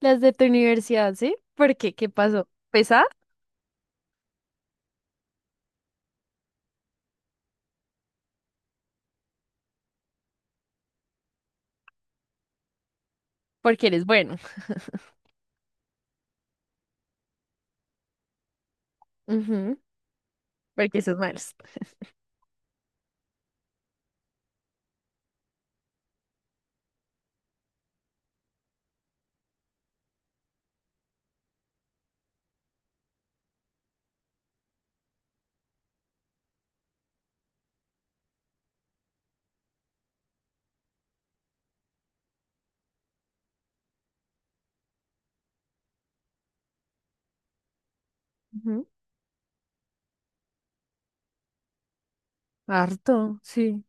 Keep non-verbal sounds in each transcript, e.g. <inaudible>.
Las de tu universidad, ¿sí? ¿Por qué? ¿Qué pasó? ¿Pesa? Porque eres bueno. Ujú. Porque sos malos. Ujú. Harto, sí.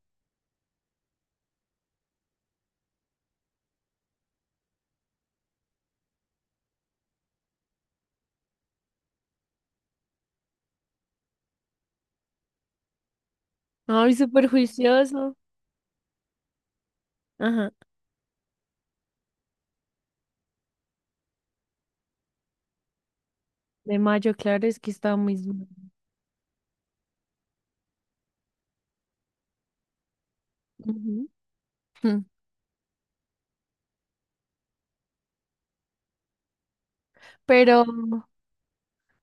Ay, súper juicioso. Ajá. De mayo, claro, es que está muy. Ujú. Mm. Pero,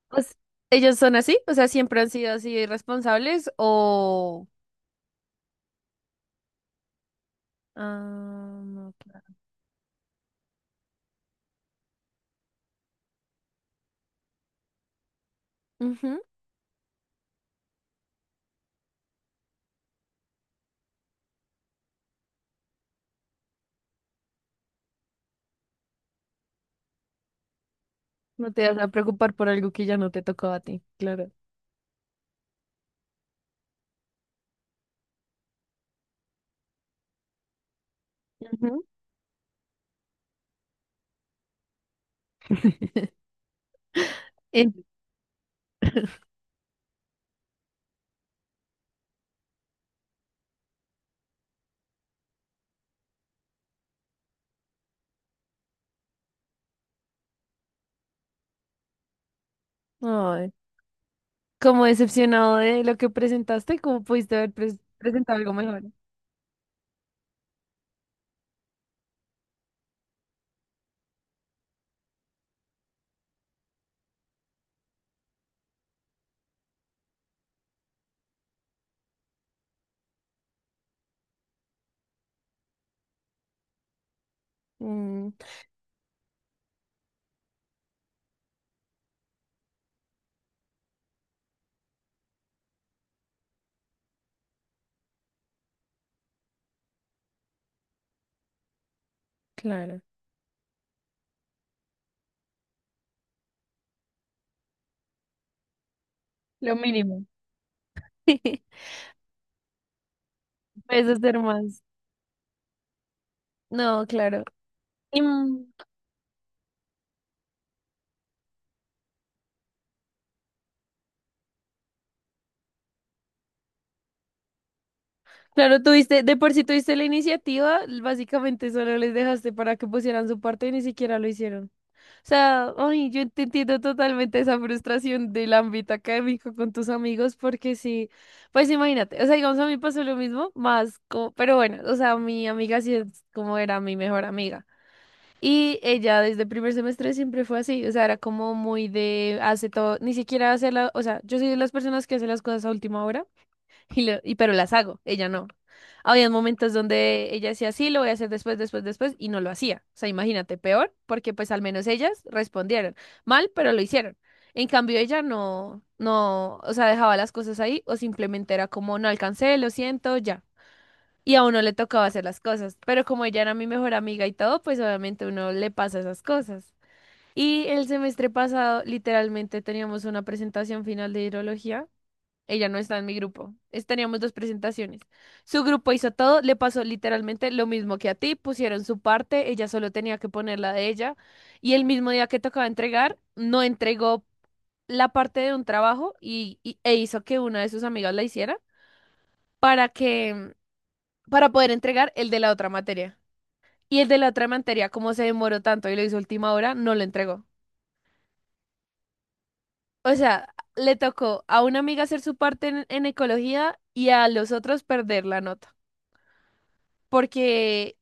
pues, ¿ellos son así? O sea, ¿siempre han sido así de irresponsables o...? Ah, no, claro. Ujú. No te vas a preocupar por algo que ya no te tocó a ti, claro. Ujú. <laughs> En- <laughs> Ay. Como decepcionado de lo que presentaste, como pudiste haber presentado algo mejor. Mm, claro. Lo mínimo. <laughs> Puedes hacer más. No, claro. Y, claro, tuviste, de por sí tuviste la iniciativa, básicamente solo les dejaste para que pusieran su parte y ni siquiera lo hicieron. O sea, ay, yo te entiendo totalmente esa frustración del ámbito académico con tus amigos, porque sí, pues imagínate, o sea, digamos, a mí pasó lo mismo, más como, pero bueno, o sea, mi amiga sí es como era mi mejor amiga. Y ella desde el primer semestre siempre fue así, o sea, era como muy de hace todo, ni siquiera hace la, o sea, yo soy de las personas que hace las cosas a última hora y pero las hago, ella no. Había momentos donde ella decía, sí, lo voy a hacer después, después, después, y no lo hacía. O sea, imagínate, peor, porque pues al menos ellas respondieron mal, pero lo hicieron. En cambio, ella no, no, o sea, dejaba las cosas ahí o simplemente era como, no alcancé, lo siento, ya. Y a uno le tocaba hacer las cosas, pero como ella era mi mejor amiga y todo, pues obviamente uno le pasa esas cosas. Y el semestre pasado, literalmente teníamos una presentación final de hidrología. Ella no está en mi grupo. Teníamos dos presentaciones. Su grupo hizo todo, le pasó literalmente lo mismo que a ti, pusieron su parte, ella solo tenía que poner la de ella. Y el mismo día que tocaba entregar, no entregó la parte de un trabajo e hizo que una de sus amigas la hiciera para que, para poder entregar el de la otra materia. Y el de la otra materia, como se demoró tanto y lo hizo a última hora, no lo entregó. O sea, le tocó a una amiga hacer su parte en ecología y a los otros perder la nota. Porque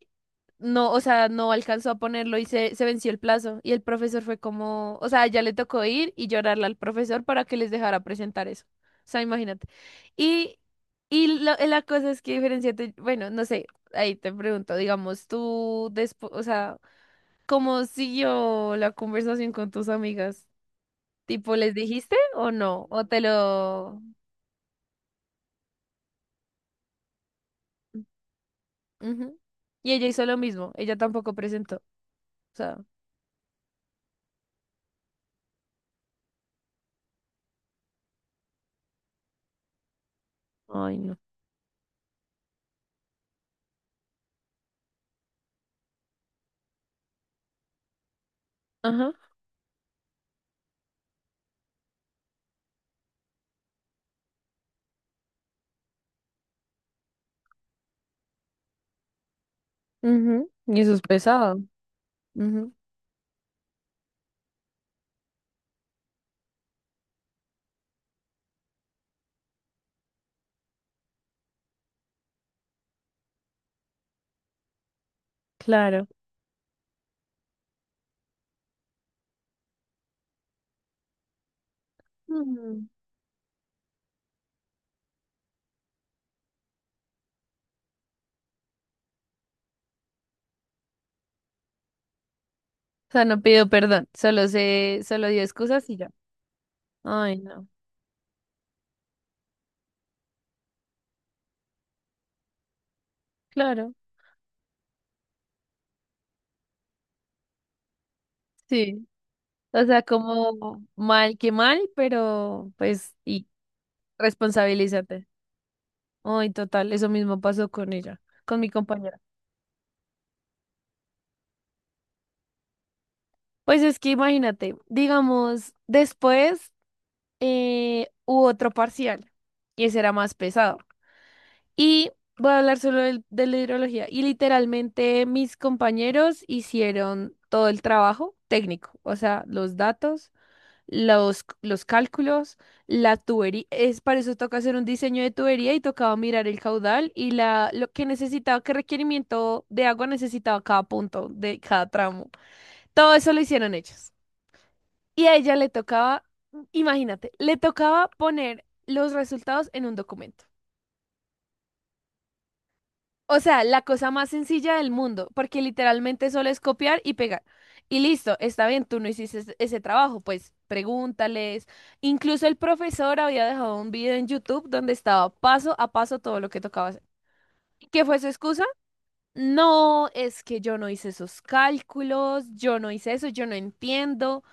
no, o sea, no alcanzó a ponerlo y se venció el plazo. Y el profesor fue como, o sea, ya le tocó ir y llorarle al profesor para que les dejara presentar eso. O sea, imagínate. Y, y la cosa es que diferenciate, bueno, no sé, ahí te pregunto, digamos, tú después, o sea. ¿Cómo siguió la conversación con tus amigas? ¿Tipo, les dijiste o no? ¿O te lo...? Ujú. Y ella hizo lo mismo, ella tampoco presentó. O sea, ay, no. Ajá. Ujú. Y eso es pesado. Ujú. Claro. Mm. O sea, no pidió perdón, solo dio excusas y ya. Ay, no. Claro, sí. O sea, como mal que mal, pero pues, y responsabilízate. Ay, total, eso mismo pasó con ella, con mi compañera. Pues es que imagínate, digamos, después hubo otro parcial y ese era más pesado. Y voy a hablar solo de la hidrología. Y literalmente mis compañeros hicieron todo el trabajo técnico, o sea, los datos, los cálculos, la tubería. Es para eso toca hacer un diseño de tubería y tocaba mirar el caudal y lo que necesitaba, qué requerimiento de agua necesitaba cada punto de cada tramo. Todo eso lo hicieron ellos. Y a ella le tocaba, imagínate, le tocaba poner los resultados en un documento. O sea, la cosa más sencilla del mundo, porque literalmente solo es copiar y pegar. Y listo, está bien, tú no hiciste ese trabajo, pues pregúntales. Incluso el profesor había dejado un video en YouTube donde estaba paso a paso todo lo que tocaba hacer. ¿Qué fue su excusa? No, es que yo no hice esos cálculos, yo no hice eso, yo no entiendo.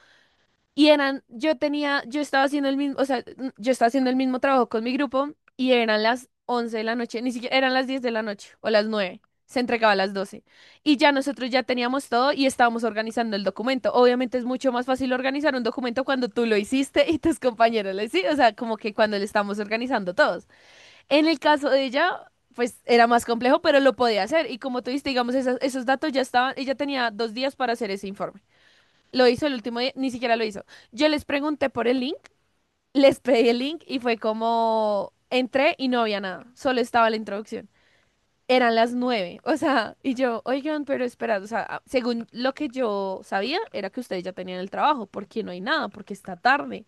Y eran, yo tenía, yo estaba haciendo el mismo, o sea, yo estaba haciendo el mismo trabajo con mi grupo y eran las 11 de la noche, ni siquiera eran las 10 de la noche o las 9 se entregaba a las 12. Y ya nosotros ya teníamos todo y estábamos organizando el documento. Obviamente es mucho más fácil organizar un documento cuando tú lo hiciste y tus compañeros lo hicieron, o sea, como que cuando le estamos organizando todos. En el caso de ella, pues era más complejo, pero lo podía hacer. Y como tú dijiste, digamos, esos datos ya estaban, ella tenía 2 días para hacer ese informe. Lo hizo el último día, ni siquiera lo hizo. Yo les pregunté por el link, les pedí el link y fue como entré y no había nada, solo estaba la introducción. Eran las 9, o sea, y yo, oigan, pero esperad, o sea, según lo que yo sabía, era que ustedes ya tenían el trabajo, porque no hay nada, porque está tarde.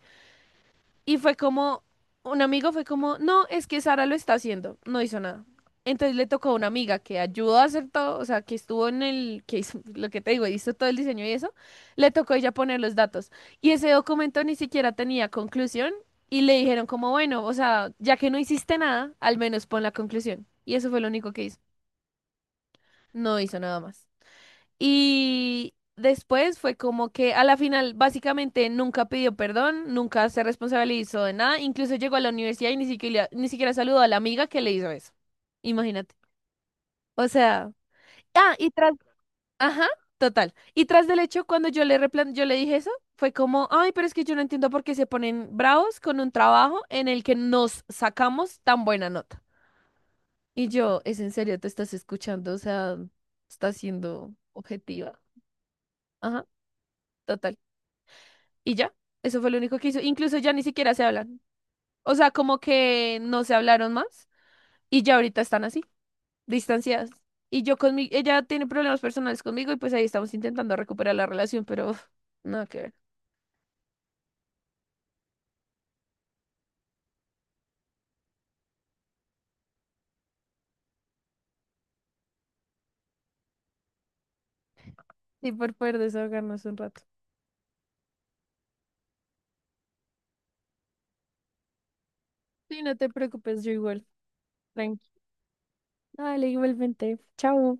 Y fue como, un amigo fue como, no, es que Sara lo está haciendo, no hizo nada. Entonces le tocó a una amiga que ayudó a hacer todo, o sea, que estuvo en el, que hizo, lo que te digo, hizo todo el diseño y eso, le tocó a ella poner los datos. Y ese documento ni siquiera tenía conclusión y le dijeron como, bueno, o sea, ya que no hiciste nada, al menos pon la conclusión. Y eso fue lo único que hizo, no hizo nada más. Y después fue como que a la final básicamente nunca pidió perdón, nunca se responsabilizó de nada, incluso llegó a la universidad y ni siquiera, ni siquiera saludó a la amiga que le hizo eso. Imagínate. O sea, ah, y tras, ajá, total. Y tras del hecho, cuando yo le dije eso, fue como, ay, pero es que yo no entiendo por qué se ponen bravos con un trabajo en el que nos sacamos tan buena nota. Y yo, ¿es en serio? ¿Te estás escuchando? O sea, estás siendo objetiva. Ajá, total. Y ya, eso fue lo único que hizo. Incluso ya ni siquiera se hablan. O sea, como que no se hablaron más y ya ahorita están así, distanciadas. Y yo conmigo, ella tiene problemas personales conmigo y pues ahí estamos intentando recuperar la relación, pero uf, nada que ver. Sí, por poder desahogarnos un rato. Sí, no te preocupes, yo igual. Tranqui. Dale, igualmente. Chao.